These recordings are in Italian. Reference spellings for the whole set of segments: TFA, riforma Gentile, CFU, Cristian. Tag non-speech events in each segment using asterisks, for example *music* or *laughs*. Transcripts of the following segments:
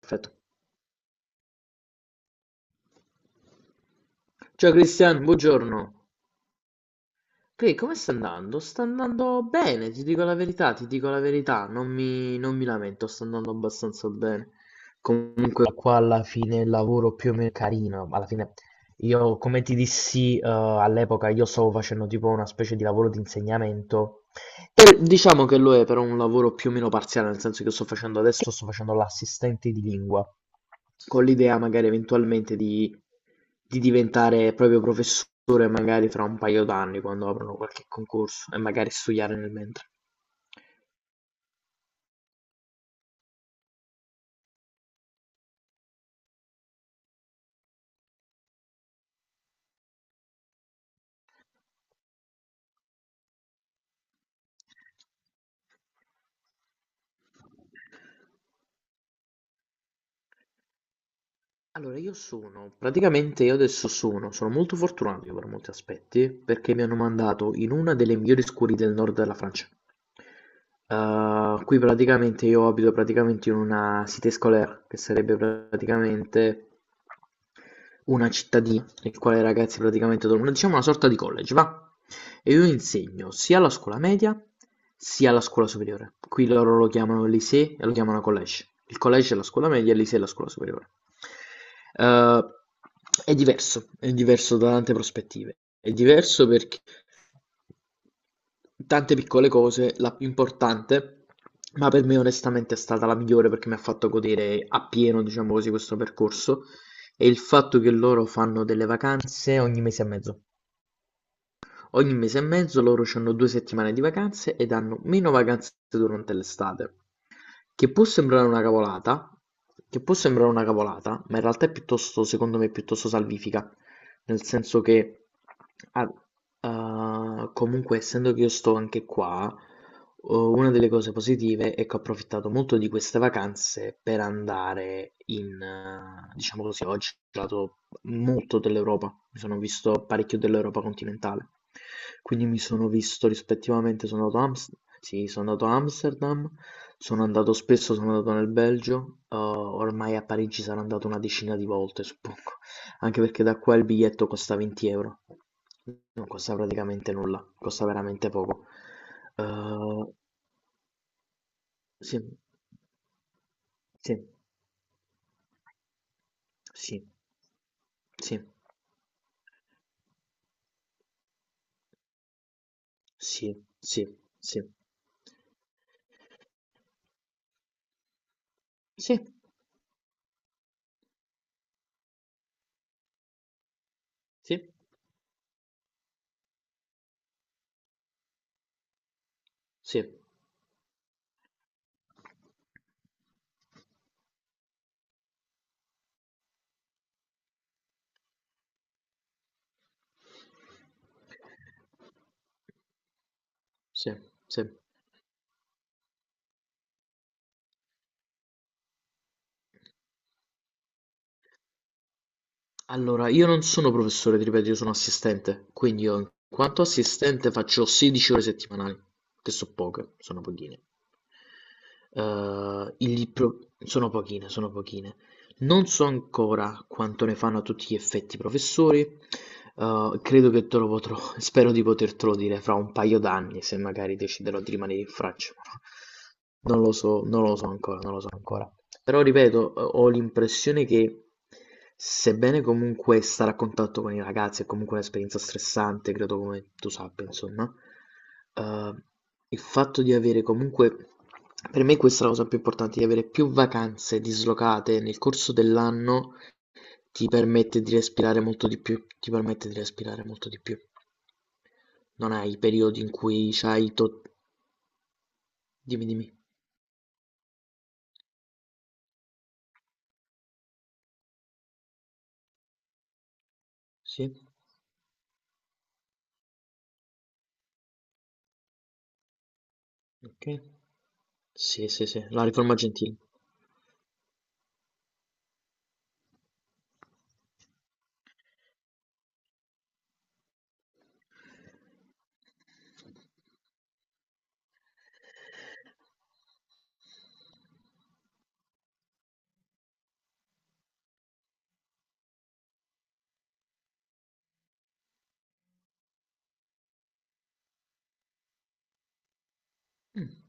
Perfetto. Ciao Cristian, buongiorno. Come sta andando? Sta andando bene, ti dico la verità, non mi lamento, sta andando abbastanza bene. Comunque qua alla fine il lavoro più o meno è carino, alla fine io come ti dissi all'epoca io stavo facendo tipo una specie di lavoro di insegnamento. E diciamo che lo è però un lavoro più o meno parziale, nel senso che sto facendo l'assistente di lingua, con l'idea magari eventualmente di diventare proprio professore magari fra un paio d'anni quando aprono qualche concorso e magari studiare nel mentre. Allora, praticamente io adesso sono molto fortunato io per molti aspetti, perché mi hanno mandato in una delle migliori scuole del nord della Francia. Qui praticamente io abito praticamente in una cité scolaire, che sarebbe praticamente una cittadina nel quale i ragazzi praticamente dormono, diciamo una sorta di college, va? E io insegno sia alla scuola media sia alla scuola superiore. Qui loro lo chiamano lycée e lo chiamano college. Il college è la scuola media, il lycée è la scuola superiore. Eh, è diverso, è diverso da tante prospettive. È diverso perché tante piccole cose, la più importante, ma per me onestamente è stata la migliore perché mi ha fatto godere appieno, diciamo così, questo percorso è il fatto che loro fanno delle vacanze ogni mese e mezzo. Ogni mese e mezzo loro hanno 2 settimane di vacanze ed hanno meno vacanze durante l'estate. Che può sembrare una cavolata, che può sembrare una cavolata, ma in realtà è piuttosto, secondo me, piuttosto salvifica. Nel senso che, ah, comunque, essendo che io sto anche qua, oh, una delle cose positive è che ho approfittato molto di queste vacanze per andare diciamo così, oggi ho girato molto dell'Europa, mi sono visto parecchio dell'Europa continentale. Quindi mi sono visto rispettivamente, sono andato a Ams- sì, sono andato a Amsterdam, sono andato spesso, sono andato nel Belgio, ormai a Parigi sarò andato una decina di volte, suppongo, anche perché da qua il biglietto costa 20 euro, non costa praticamente nulla, costa veramente poco. Eh, sì, sì, sì, sì, sì, sì, sì. Sì, sì, sì. Sì, sì. Allora, io non sono professore, ti ripeto, io sono assistente, quindi io in quanto assistente faccio 16 ore settimanali, che sono poche, sono pochine. Sono pochine, sono pochine. Non so ancora quanto ne fanno a tutti gli effetti i professori. Credo che te lo potrò, *laughs* Spero di potertelo dire fra un paio d'anni, se magari deciderò di rimanere in Francia. *laughs* Non lo so, non lo so ancora, non lo so ancora. Però ripeto, ho l'impressione che, sebbene comunque stare a contatto con i ragazzi è comunque un'esperienza stressante, credo come tu sappia, insomma, eh, il fatto di avere comunque, per me questa è la cosa più importante, di avere più vacanze dislocate nel corso dell'anno ti permette di respirare molto di più, ti permette di respirare molto di più. Non hai i periodi in cui c'hai tot. Dimmi, dimmi. Sì? Ok. Sì, sì, sì, la riforma Gentile. Mm.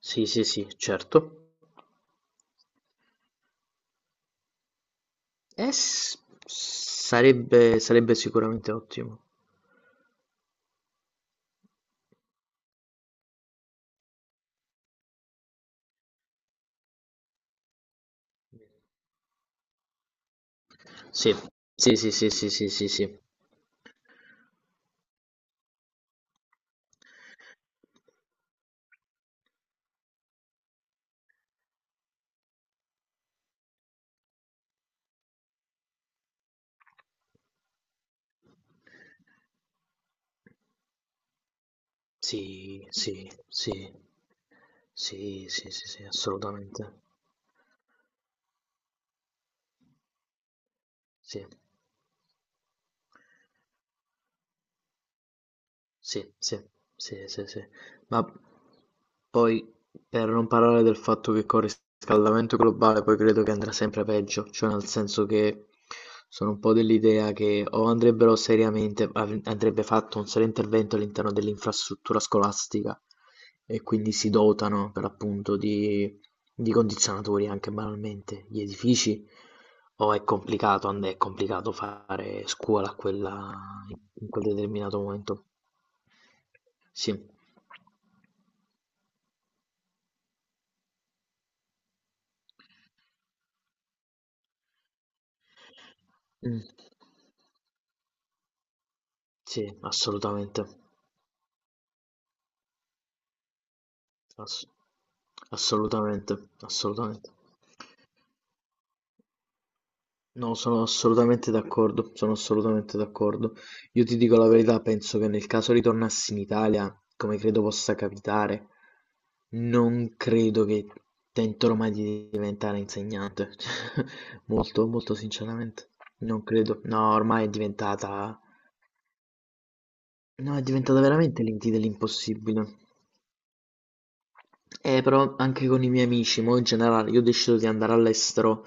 Sì, sì, sì, certo. Eh, s- sarebbe sicuramente ottimo. Sì, sì, sì, sì, sì, sì, sì, sì, sì, sì, sì, sì, sì, sì, sì, assolutamente. Sì. Sì, sì, sì, sì, sì. Ma poi, per non parlare del fatto che col riscaldamento globale poi credo che andrà sempre peggio, cioè nel senso che sono un po' dell'idea che o andrebbero seriamente, av- andrebbe fatto un serio intervento all'interno dell'infrastruttura scolastica e quindi si dotano per l'appunto di condizionatori anche banalmente, gli edifici, o è complicato, è complicato fare scuola a quella, in quel determinato momento. Sì. Mm. Sì, assolutamente. Ass- Assolutamente, assolutamente. No, sono assolutamente d'accordo, sono assolutamente d'accordo. Io ti dico la verità, penso che nel caso ritornassi in Italia, come credo possa capitare, non credo che tenterò mai di diventare insegnante. *laughs* Molto, molto sinceramente, non credo. No, ormai è diventata. No, è diventata veramente l'intì dell'impossibile. Però anche con i miei amici, mo in generale, io ho deciso di andare all'estero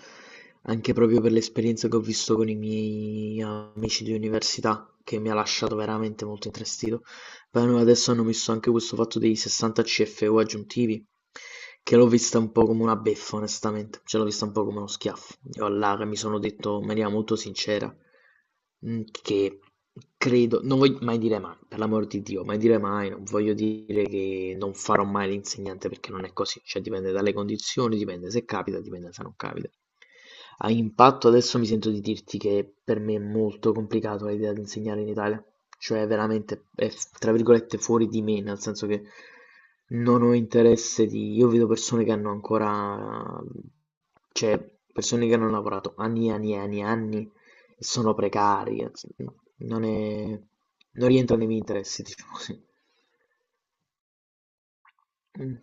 anche proprio per l'esperienza che ho visto con i miei amici di università, che mi ha lasciato veramente molto intristito. Poi adesso hanno messo anche questo fatto dei 60 CFU aggiuntivi, che l'ho vista un po' come una beffa, onestamente, cioè l'ho vista un po' come uno schiaffo. Io all'Ara mi sono detto in maniera molto sincera che credo, non voglio mai dire mai, per l'amor di Dio, mai dire mai, non voglio dire che non farò mai l'insegnante perché non è così, cioè dipende dalle condizioni, dipende se capita, dipende se non capita. A impatto adesso mi sento di dirti che per me è molto complicato l'idea di insegnare in Italia. Cioè veramente è f tra virgolette "fuori di me", nel senso che non ho interesse di, io vedo persone che hanno ancora, cioè persone che hanno lavorato anni e anni e anni e anni e sono precari, anzi, no, non rientra nei miei interessi, *laughs* diciamo così. Mh,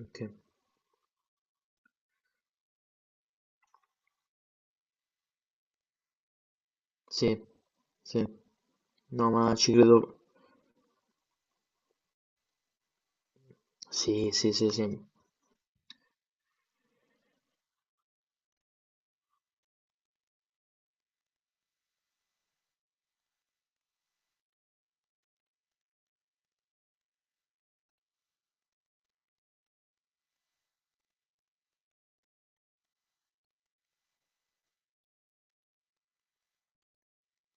okay. Sì, sì. No, ma ci credo. Sì, sì, sì, sì.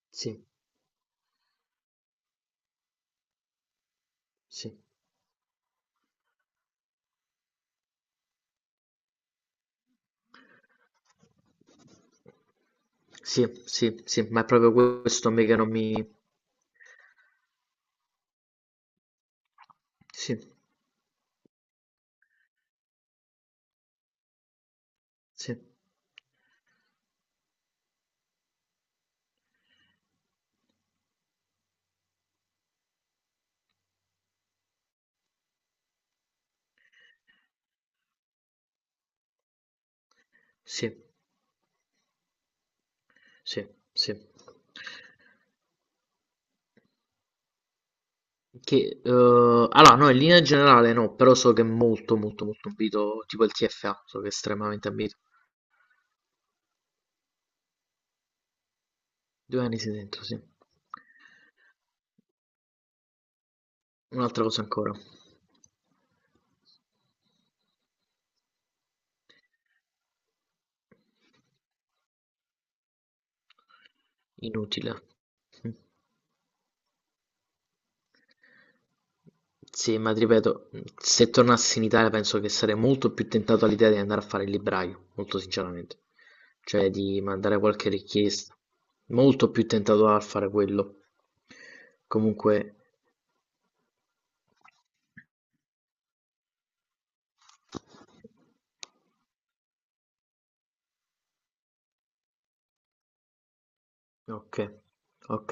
Sì, sì. Sì, sì, sì, ma è proprio questo me che non mi. Sì, sì, sì, sì, sì. Allora, no, in linea generale no, però so che è molto, molto, molto ambito, tipo il TFA, so che è estremamente ambito. 2 anni sei dentro, sì. Un'altra cosa ancora, inutile. Mm. Sì, ma ti ripeto, mhmm, se tornassi in Italia penso che sarei molto più tentato all'idea di andare a fare il libraio, molto sinceramente. Cioè di mandare qualche richiesta. Molto più tentato a fare quello. Comunque, ok, ok.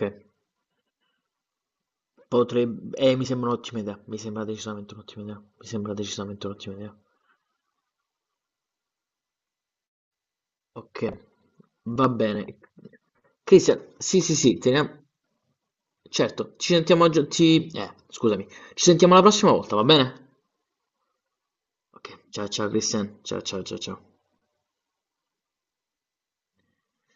Potrei. Mi sembra un'ottima idea, mi sembra decisamente un'ottima idea, mi sembra decisamente un'ottima idea. Okay, va bene. Cristian, sì, sì, sì, teniamo. Certo, ci sentiamo scusami. Ci sentiamo la prossima volta, va bene? Ok, ciao ciao Cristian, ciao ciao ciao ciao.